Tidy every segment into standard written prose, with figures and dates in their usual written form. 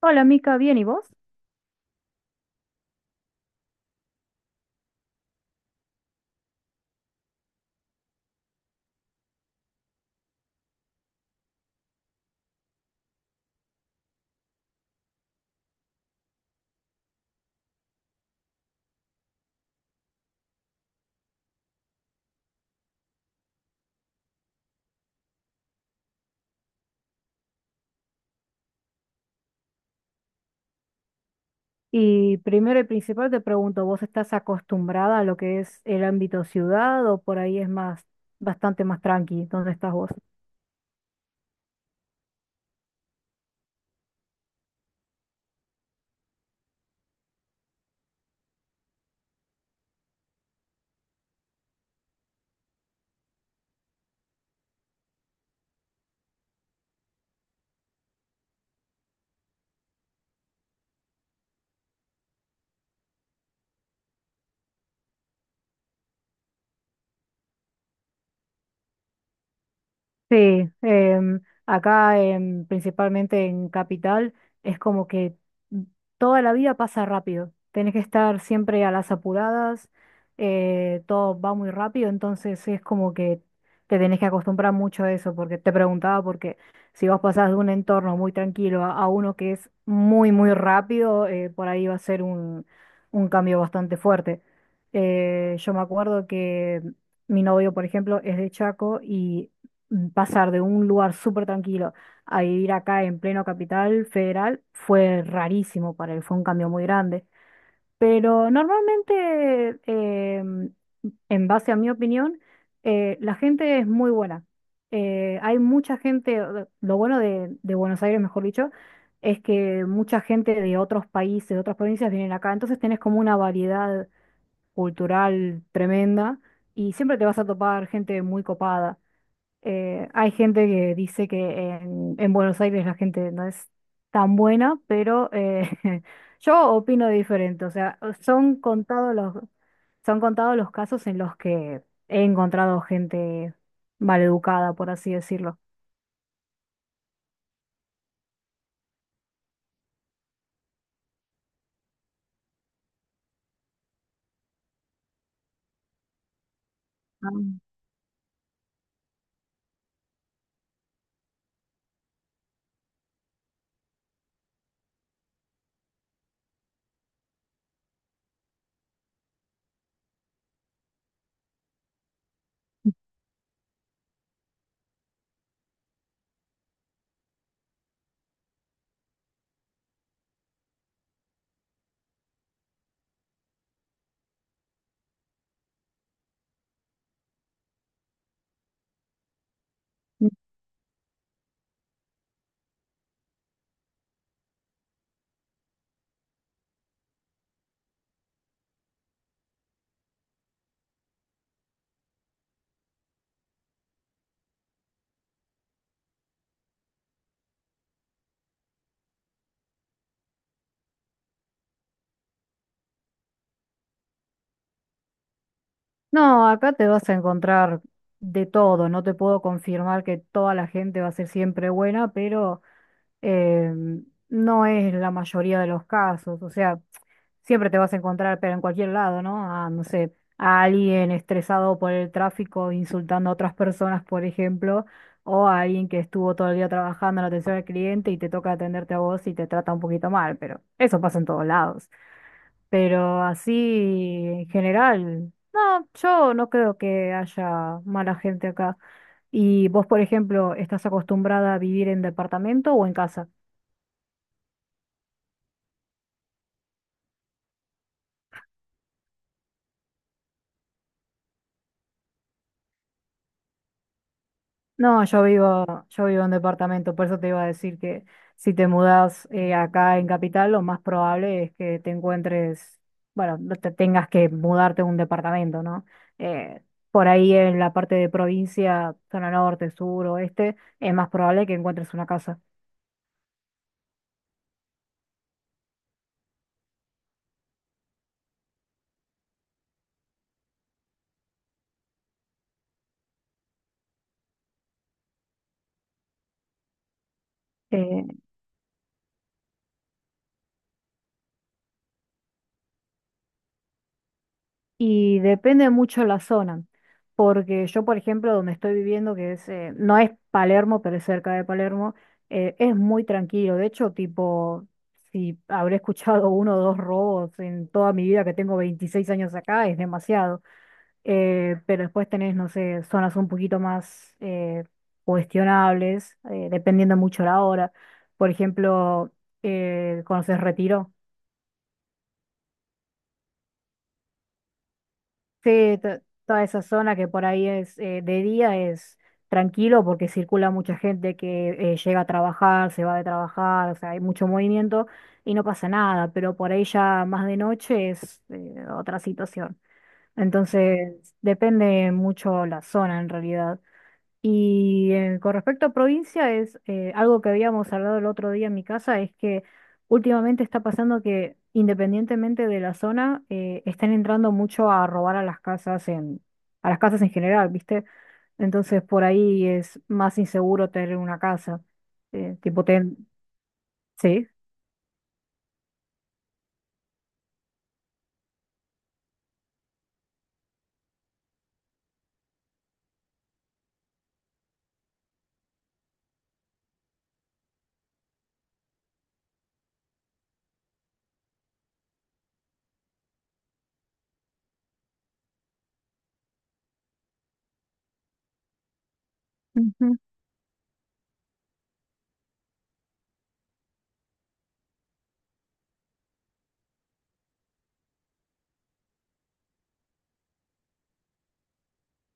Hola, Mica, bien, ¿y vos? Y primero y principal te pregunto, ¿vos estás acostumbrada a lo que es el ámbito ciudad o por ahí es más, bastante más tranqui? ¿Dónde estás vos? Sí. Acá principalmente en Capital es como que toda la vida pasa rápido. Tenés que estar siempre a las apuradas, todo va muy rápido, entonces es como que te tenés que acostumbrar mucho a eso, porque te preguntaba porque si vos pasás de un entorno muy tranquilo a uno que es muy, muy rápido, por ahí va a ser un cambio bastante fuerte. Yo me acuerdo que mi novio, por ejemplo, es de Chaco y pasar de un lugar súper tranquilo a vivir acá en pleno capital federal fue rarísimo para él, fue un cambio muy grande. Pero normalmente, en base a mi opinión, la gente es muy buena. Hay mucha gente, lo bueno de Buenos Aires, mejor dicho, es que mucha gente de otros países, de otras provincias vienen acá, entonces tenés como una variedad cultural tremenda y siempre te vas a topar gente muy copada. Hay gente que dice que en Buenos Aires la gente no es tan buena, pero yo opino diferente. O sea, son contados los casos en los que he encontrado gente maleducada, por así decirlo. Ah. No, acá te vas a encontrar de todo. No te puedo confirmar que toda la gente va a ser siempre buena, pero no es la mayoría de los casos, o sea, siempre te vas a encontrar, pero en cualquier lado, ¿no? A, no sé, a alguien estresado por el tráfico insultando a otras personas, por ejemplo, o a alguien que estuvo todo el día trabajando en la atención al cliente y te toca atenderte a vos y te trata un poquito mal, pero eso pasa en todos lados. Pero así, en general, no, yo no creo que haya mala gente acá. ¿Y vos, por ejemplo, estás acostumbrada a vivir en departamento o en casa? No, yo vivo en departamento, por eso te iba a decir que si te mudas acá en Capital, lo más probable es que te encuentres, bueno, no te tengas que mudarte a un departamento, ¿no? Eh, por ahí en la parte de provincia, zona norte, sur, oeste, es más probable que encuentres una casa. Eh, Y depende mucho la zona, porque yo, por ejemplo, donde estoy viviendo, que es, no es Palermo, pero es cerca de Palermo, es muy tranquilo. De hecho, tipo, si habré escuchado uno o dos robos en toda mi vida, que tengo 26 años acá, es demasiado. Pero después tenés, no sé, zonas un poquito más cuestionables, dependiendo mucho la hora. Por ejemplo, ¿conoces Retiro? Sí, toda esa zona que por ahí es de día es tranquilo porque circula mucha gente que llega a trabajar, se va de trabajar, o sea, hay mucho movimiento y no pasa nada, pero por ahí ya más de noche es otra situación. Entonces, depende mucho la zona en realidad. Y con respecto a provincia, es algo que habíamos hablado el otro día en mi casa, es que últimamente está pasando que independientemente de la zona, están entrando mucho a robar a las casas a las casas en general, ¿viste? Entonces por ahí es más inseguro tener una casa. eh, tipo ten, sí. Ujú.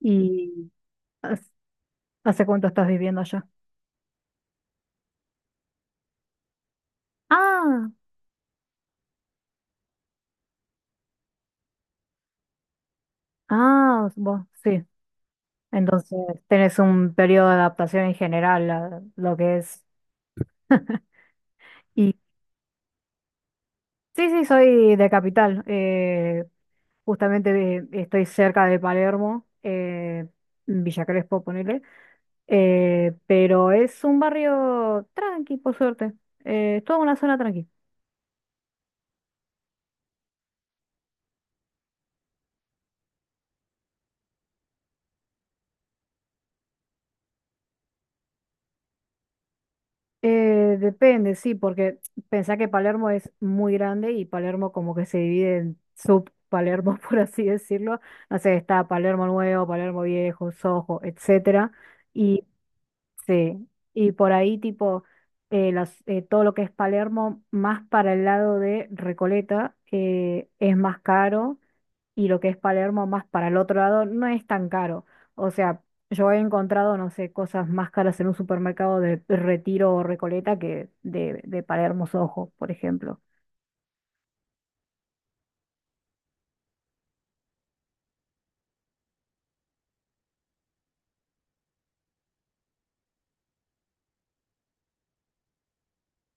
¿Y has- hace cuánto estás viviendo allá? Ah, ah, vos, sí. Entonces tenés un periodo de adaptación en general a lo que es. Y sí, sí, soy de Capital. Justamente estoy cerca de Palermo, Villa Crespo, ponele. Pero es un barrio tranqui, por suerte. Es toda una zona tranqui. Depende, sí, porque pensá que Palermo es muy grande y Palermo como que se divide en sub-Palermo, por así decirlo. No sé, está Palermo Nuevo, Palermo Viejo, Soho, etcétera. Sí, y por ahí tipo todo lo que es Palermo, más para el lado de Recoleta, es más caro y lo que es Palermo, más para el otro lado, no es tan caro. O sea, yo he encontrado, no sé, cosas más caras en un supermercado de Retiro o Recoleta que de Palermo Soho, por ejemplo.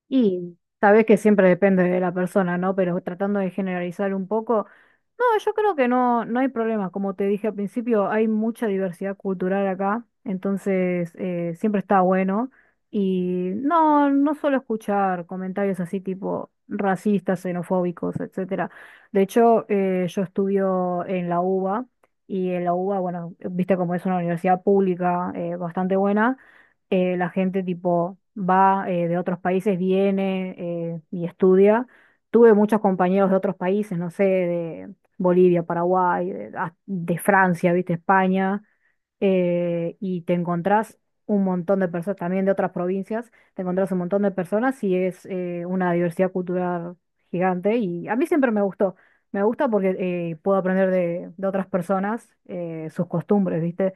Y sabés que siempre depende de la persona, ¿no? Pero tratando de generalizar un poco, no, yo creo que no, no hay problema. Como te dije al principio, hay mucha diversidad cultural acá, entonces siempre está bueno. Y no, no suelo escuchar comentarios así tipo racistas, xenofóbicos, etcétera. De hecho, yo estudio en la UBA y en la UBA, bueno, viste como es una universidad pública bastante buena, la gente tipo va de otros países, viene y estudia. Tuve muchos compañeros de otros países, no sé, de Bolivia, Paraguay, de, ah, de Francia, viste, España, y te encontrás un montón de personas, también de otras provincias, te encontrás un montón de personas y es una diversidad cultural gigante y a mí siempre me gustó. Me gusta porque puedo aprender de otras personas sus costumbres, ¿viste?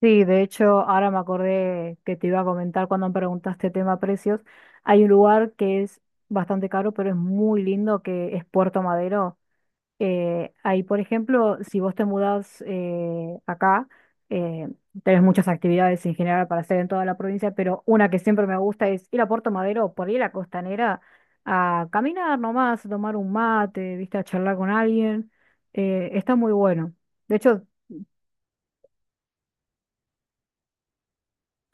Sí, de hecho, ahora me acordé que te iba a comentar cuando me preguntaste tema precios. Hay un lugar que es bastante caro, pero es muy lindo, que es Puerto Madero. Ahí, por ejemplo, si vos te mudás acá, eh, tenés muchas actividades en general para hacer en toda la provincia, pero una que siempre me gusta es ir a Puerto Madero, por ahí a la costanera, a caminar nomás, a tomar un mate, viste, a charlar con alguien. Está muy bueno. De hecho,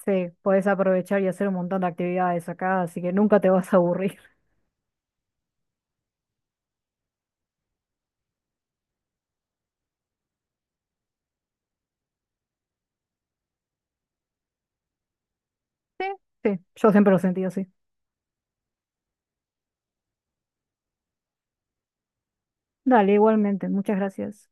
sí, puedes aprovechar y hacer un montón de actividades acá, así que nunca te vas a aburrir. Sí, sí, yo siempre lo sentí así. Dale, igualmente, muchas gracias.